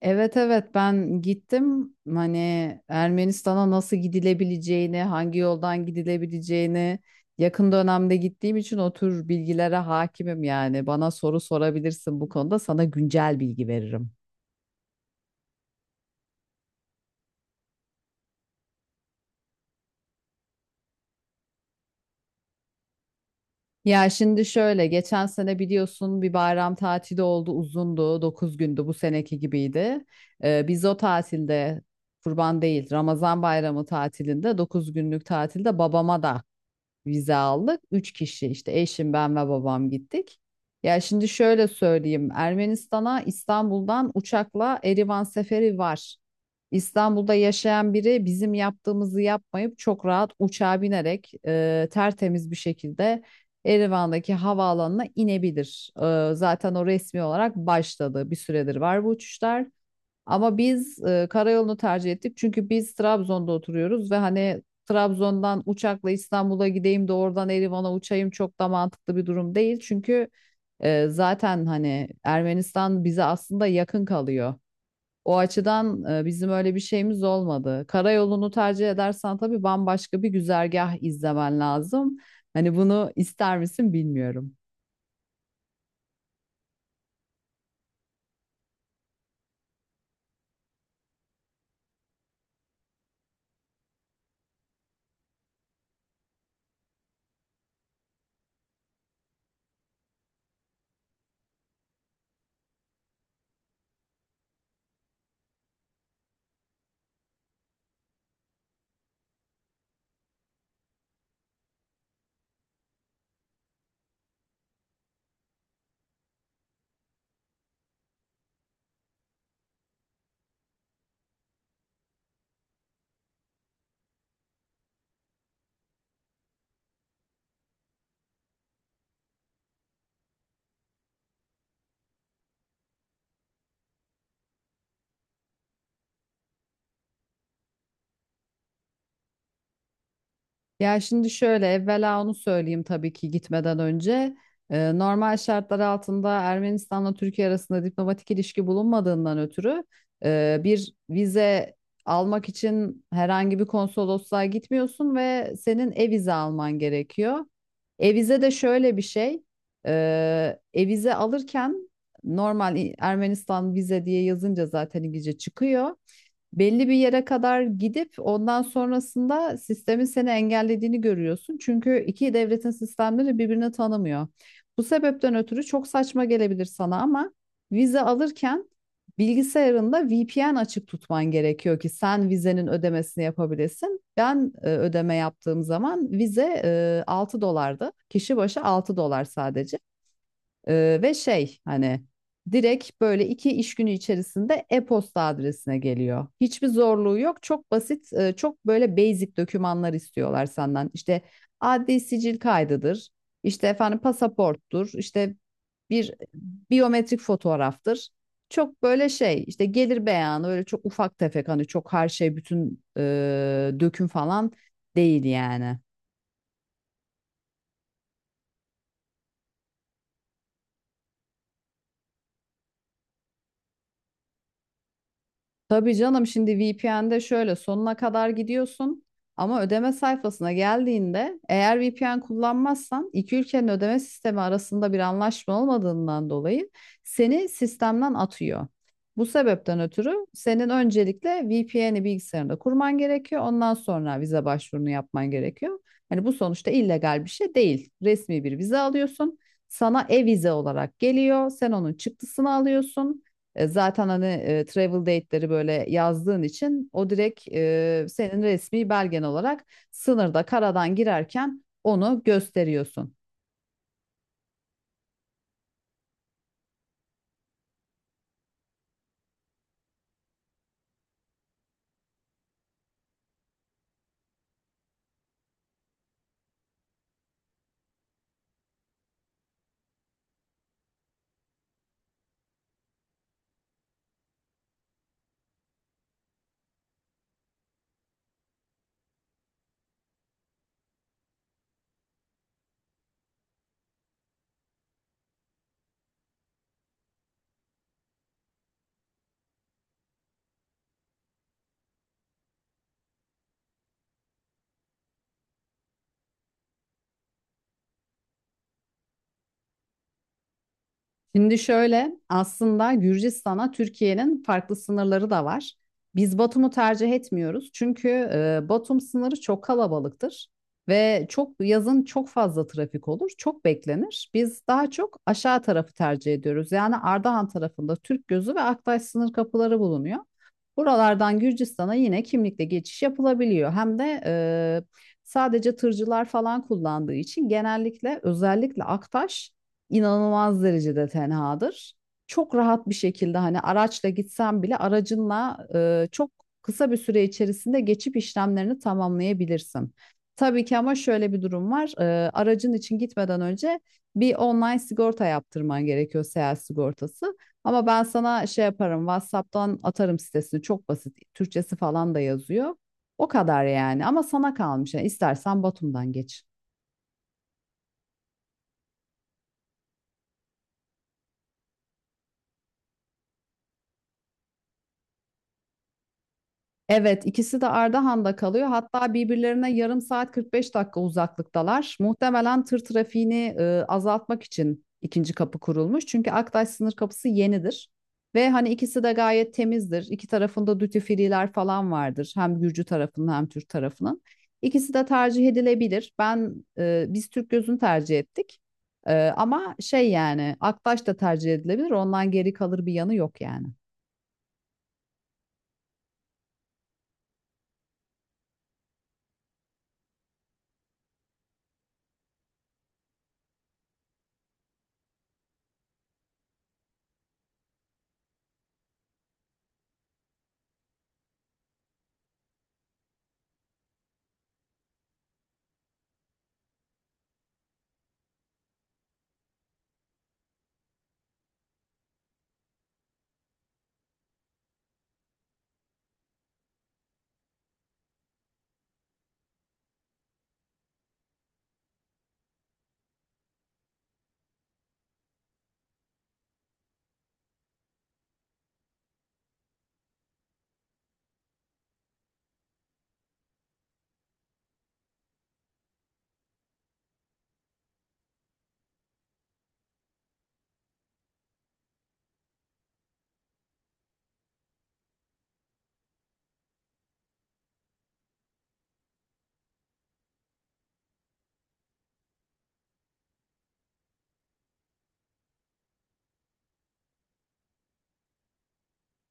Evet evet ben gittim hani Ermenistan'a nasıl gidilebileceğini, hangi yoldan gidilebileceğini yakın dönemde gittiğim için o tür bilgilere hakimim yani. Bana soru sorabilirsin, bu konuda sana güncel bilgi veririm. Ya şimdi şöyle, geçen sene biliyorsun bir bayram tatili oldu, uzundu, 9 gündü, bu seneki gibiydi. Biz o tatilde, kurban değil Ramazan bayramı tatilinde, 9 günlük tatilde babama da vize aldık. 3 kişi işte, eşim, ben ve babam gittik. Ya şimdi şöyle söyleyeyim. Ermenistan'a İstanbul'dan uçakla Erivan seferi var. İstanbul'da yaşayan biri bizim yaptığımızı yapmayıp çok rahat uçağa binerek tertemiz bir şekilde Erivan'daki havaalanına inebilir. Zaten o resmi olarak başladı. Bir süredir var bu uçuşlar. Ama biz karayolunu tercih ettik. Çünkü biz Trabzon'da oturuyoruz ve hani Trabzon'dan uçakla İstanbul'a gideyim de oradan Erivan'a uçayım, çok da mantıklı bir durum değil. Çünkü zaten hani Ermenistan bize aslında yakın kalıyor. O açıdan bizim öyle bir şeyimiz olmadı. Karayolunu tercih edersen tabii bambaşka bir güzergah izlemen lazım. Hani bunu ister misin bilmiyorum. Ya şimdi şöyle, evvela onu söyleyeyim, tabii ki gitmeden önce. Normal şartlar altında Ermenistan'la Türkiye arasında diplomatik ilişki bulunmadığından ötürü bir vize almak için herhangi bir konsolosluğa gitmiyorsun ve senin e-vize alman gerekiyor. E-vize de şöyle bir şey. E, E-vize alırken normal Ermenistan vize diye yazınca zaten İngilizce çıkıyor, belli bir yere kadar gidip ondan sonrasında sistemin seni engellediğini görüyorsun. Çünkü iki devletin sistemleri birbirini tanımıyor. Bu sebepten ötürü çok saçma gelebilir sana ama vize alırken bilgisayarında VPN açık tutman gerekiyor ki sen vizenin ödemesini yapabilesin. Ben ödeme yaptığım zaman vize 6 dolardı. Kişi başı $6 sadece. Ve şey hani, direkt böyle 2 iş günü içerisinde e-posta adresine geliyor. Hiçbir zorluğu yok. Çok basit, çok böyle basic dokümanlar istiyorlar senden. İşte adli sicil kaydıdır, işte efendim pasaporttur, işte bir biyometrik fotoğraftır. Çok böyle şey işte, gelir beyanı, öyle çok ufak tefek, hani çok her şey bütün döküm falan değil yani. Tabii canım, şimdi VPN'de şöyle sonuna kadar gidiyorsun ama ödeme sayfasına geldiğinde eğer VPN kullanmazsan iki ülkenin ödeme sistemi arasında bir anlaşma olmadığından dolayı seni sistemden atıyor. Bu sebepten ötürü senin öncelikle VPN'i bilgisayarında kurman gerekiyor. Ondan sonra vize başvurunu yapman gerekiyor. Hani bu sonuçta illegal bir şey değil. Resmi bir vize alıyorsun. Sana e-vize olarak geliyor. Sen onun çıktısını alıyorsun. Zaten hani travel date'leri böyle yazdığın için o direkt senin resmi belgen olarak sınırda karadan girerken onu gösteriyorsun. Şimdi şöyle, aslında Gürcistan'a Türkiye'nin farklı sınırları da var. Biz Batum'u tercih etmiyoruz, çünkü Batum sınırı çok kalabalıktır ve çok yazın çok fazla trafik olur, çok beklenir. Biz daha çok aşağı tarafı tercih ediyoruz. Yani Ardahan tarafında Türkgözü ve Aktaş sınır kapıları bulunuyor. Buralardan Gürcistan'a yine kimlikle geçiş yapılabiliyor. Hem de sadece tırcılar falan kullandığı için, genellikle özellikle Aktaş inanılmaz derecede tenhadır. Çok rahat bir şekilde hani araçla gitsen bile aracınla çok kısa bir süre içerisinde geçip işlemlerini tamamlayabilirsin. Tabii ki, ama şöyle bir durum var. E, aracın için gitmeden önce bir online sigorta yaptırman gerekiyor, seyahat sigortası. Ama ben sana şey yaparım, WhatsApp'tan atarım sitesini. Çok basit. Türkçesi falan da yazıyor. O kadar yani. Ama sana kalmış. Yani istersen Batum'dan geç. Evet, ikisi de Ardahan'da kalıyor. Hatta birbirlerine yarım saat 45 dakika uzaklıktalar. Muhtemelen tır trafiğini azaltmak için ikinci kapı kurulmuş. Çünkü Aktaş sınır kapısı yenidir. Ve hani ikisi de gayet temizdir. İki tarafında duty free'ler falan vardır. Hem Gürcü tarafının hem Türk tarafının. İkisi de tercih edilebilir. Biz Türk gözünü tercih ettik. E, ama şey yani Aktaş da tercih edilebilir. Ondan geri kalır bir yanı yok yani.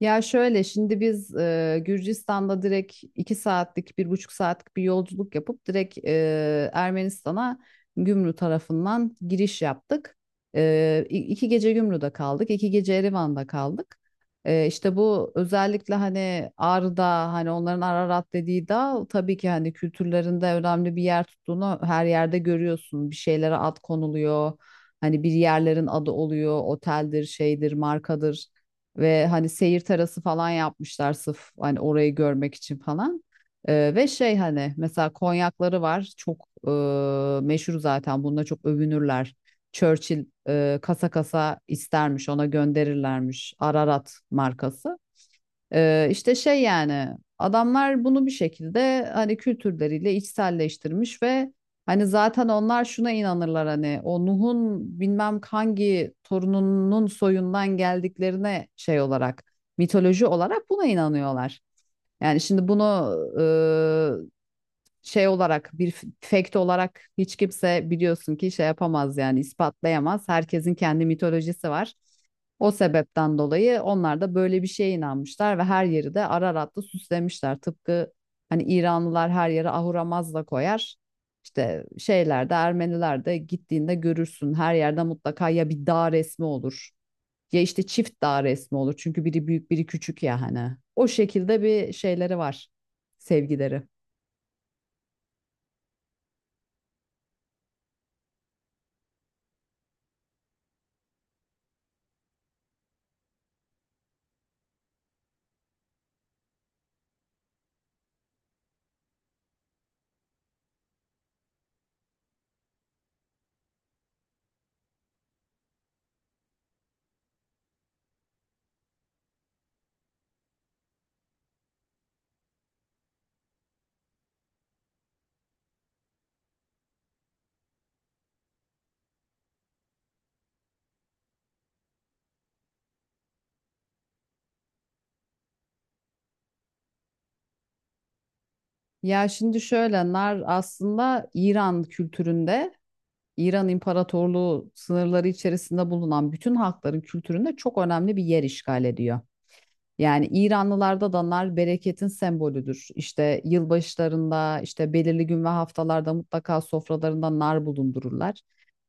Ya şöyle, şimdi biz Gürcistan'da direkt 2 saatlik bir buçuk saatlik bir yolculuk yapıp direkt Ermenistan'a Gümrü tarafından giriş yaptık. 2 gece Gümrü'de kaldık, 2 gece Erivan'da kaldık. İşte bu, özellikle hani Ağrı'da, hani onların Ararat dediği dağ, tabii ki hani kültürlerinde önemli bir yer tuttuğunu her yerde görüyorsun. Bir şeylere ad konuluyor. Hani bir yerlerin adı oluyor, oteldir, şeydir, markadır. Ve hani seyir terası falan yapmışlar sırf hani orayı görmek için falan. Ve şey hani, mesela konyakları var, çok meşhur, zaten bununla çok övünürler. Churchill kasa kasa istermiş, ona gönderirlermiş Ararat markası. İşte şey yani, adamlar bunu bir şekilde hani kültürleriyle içselleştirmiş ve hani zaten onlar şuna inanırlar, hani o Nuh'un bilmem hangi torununun soyundan geldiklerine şey olarak, mitoloji olarak buna inanıyorlar. Yani şimdi bunu şey olarak bir fact olarak hiç kimse, biliyorsun ki, şey yapamaz yani, ispatlayamaz. Herkesin kendi mitolojisi var. O sebepten dolayı onlar da böyle bir şeye inanmışlar ve her yeri de Ararat'la süslemişler. Tıpkı hani İranlılar her yere ahuramazla koyar. İşte şeyler de, Ermeniler de, gittiğinde görürsün. Her yerde mutlaka ya bir dağ resmi olur ya işte çift dağ resmi olur. Çünkü biri büyük biri küçük ya hani. O şekilde bir şeyleri var, sevgileri. Ya şimdi şöyle, nar aslında İran kültüründe, İran İmparatorluğu sınırları içerisinde bulunan bütün halkların kültüründe çok önemli bir yer işgal ediyor. Yani İranlılarda da bereketin sembolüdür. İşte yılbaşlarında, işte belirli gün ve haftalarda mutlaka sofralarında nar bulundururlar.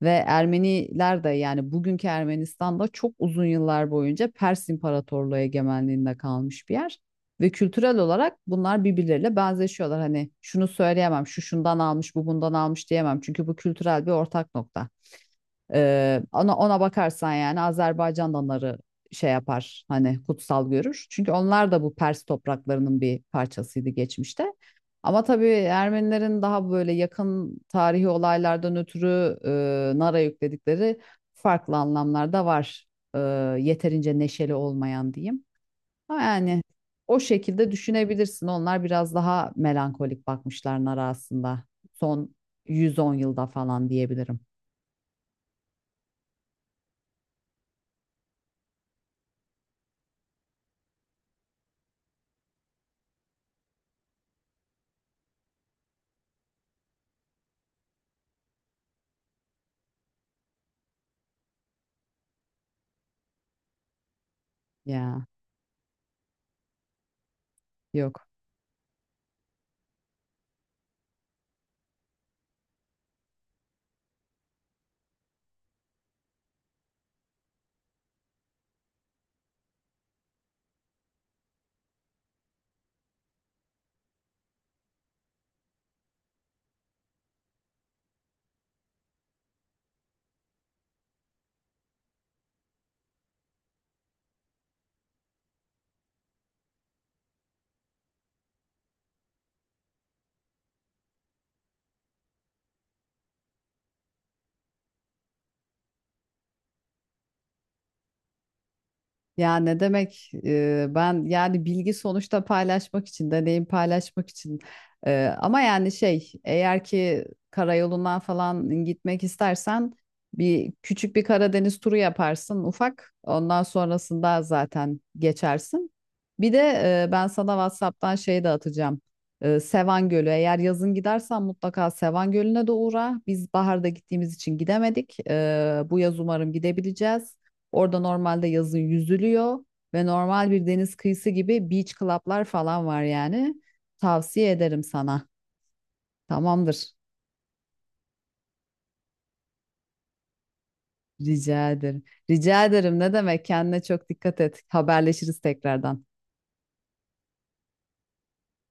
Ve Ermeniler de, yani bugünkü Ermenistan'da, çok uzun yıllar boyunca Pers İmparatorluğu egemenliğinde kalmış bir yer. Ve kültürel olarak bunlar birbirleriyle benzeşiyorlar. Hani şunu söyleyemem, şu şundan almış, bu bundan almış diyemem. Çünkü bu kültürel bir ortak nokta. Ona bakarsan yani Azerbaycan da onları şey yapar, hani kutsal görür. Çünkü onlar da bu Pers topraklarının bir parçasıydı geçmişte. Ama tabii Ermenilerin daha böyle yakın tarihi olaylardan ötürü nara yükledikleri farklı anlamlar da var. E, yeterince neşeli olmayan diyeyim. Ama yani o şekilde düşünebilirsin. Onlar biraz daha melankolik bakmışlar nara aslında. Son 110 yılda falan diyebilirim. Ya yok. Ya ne demek, ben yani bilgi sonuçta paylaşmak için, deneyim paylaşmak için. Ama yani şey, eğer ki karayolundan falan gitmek istersen bir küçük bir Karadeniz turu yaparsın ufak, ondan sonrasında zaten geçersin. Bir de ben sana WhatsApp'tan şey de atacağım. E, Sevan Gölü, eğer yazın gidersen mutlaka Sevan Gölü'ne de uğra, biz baharda gittiğimiz için gidemedik. E, bu yaz umarım gidebileceğiz. Orada normalde yazın yüzülüyor ve normal bir deniz kıyısı gibi beach club'lar falan var yani. Tavsiye ederim sana. Tamamdır. Rica ederim. Rica ederim. Ne demek? Kendine çok dikkat et. Haberleşiriz tekrardan.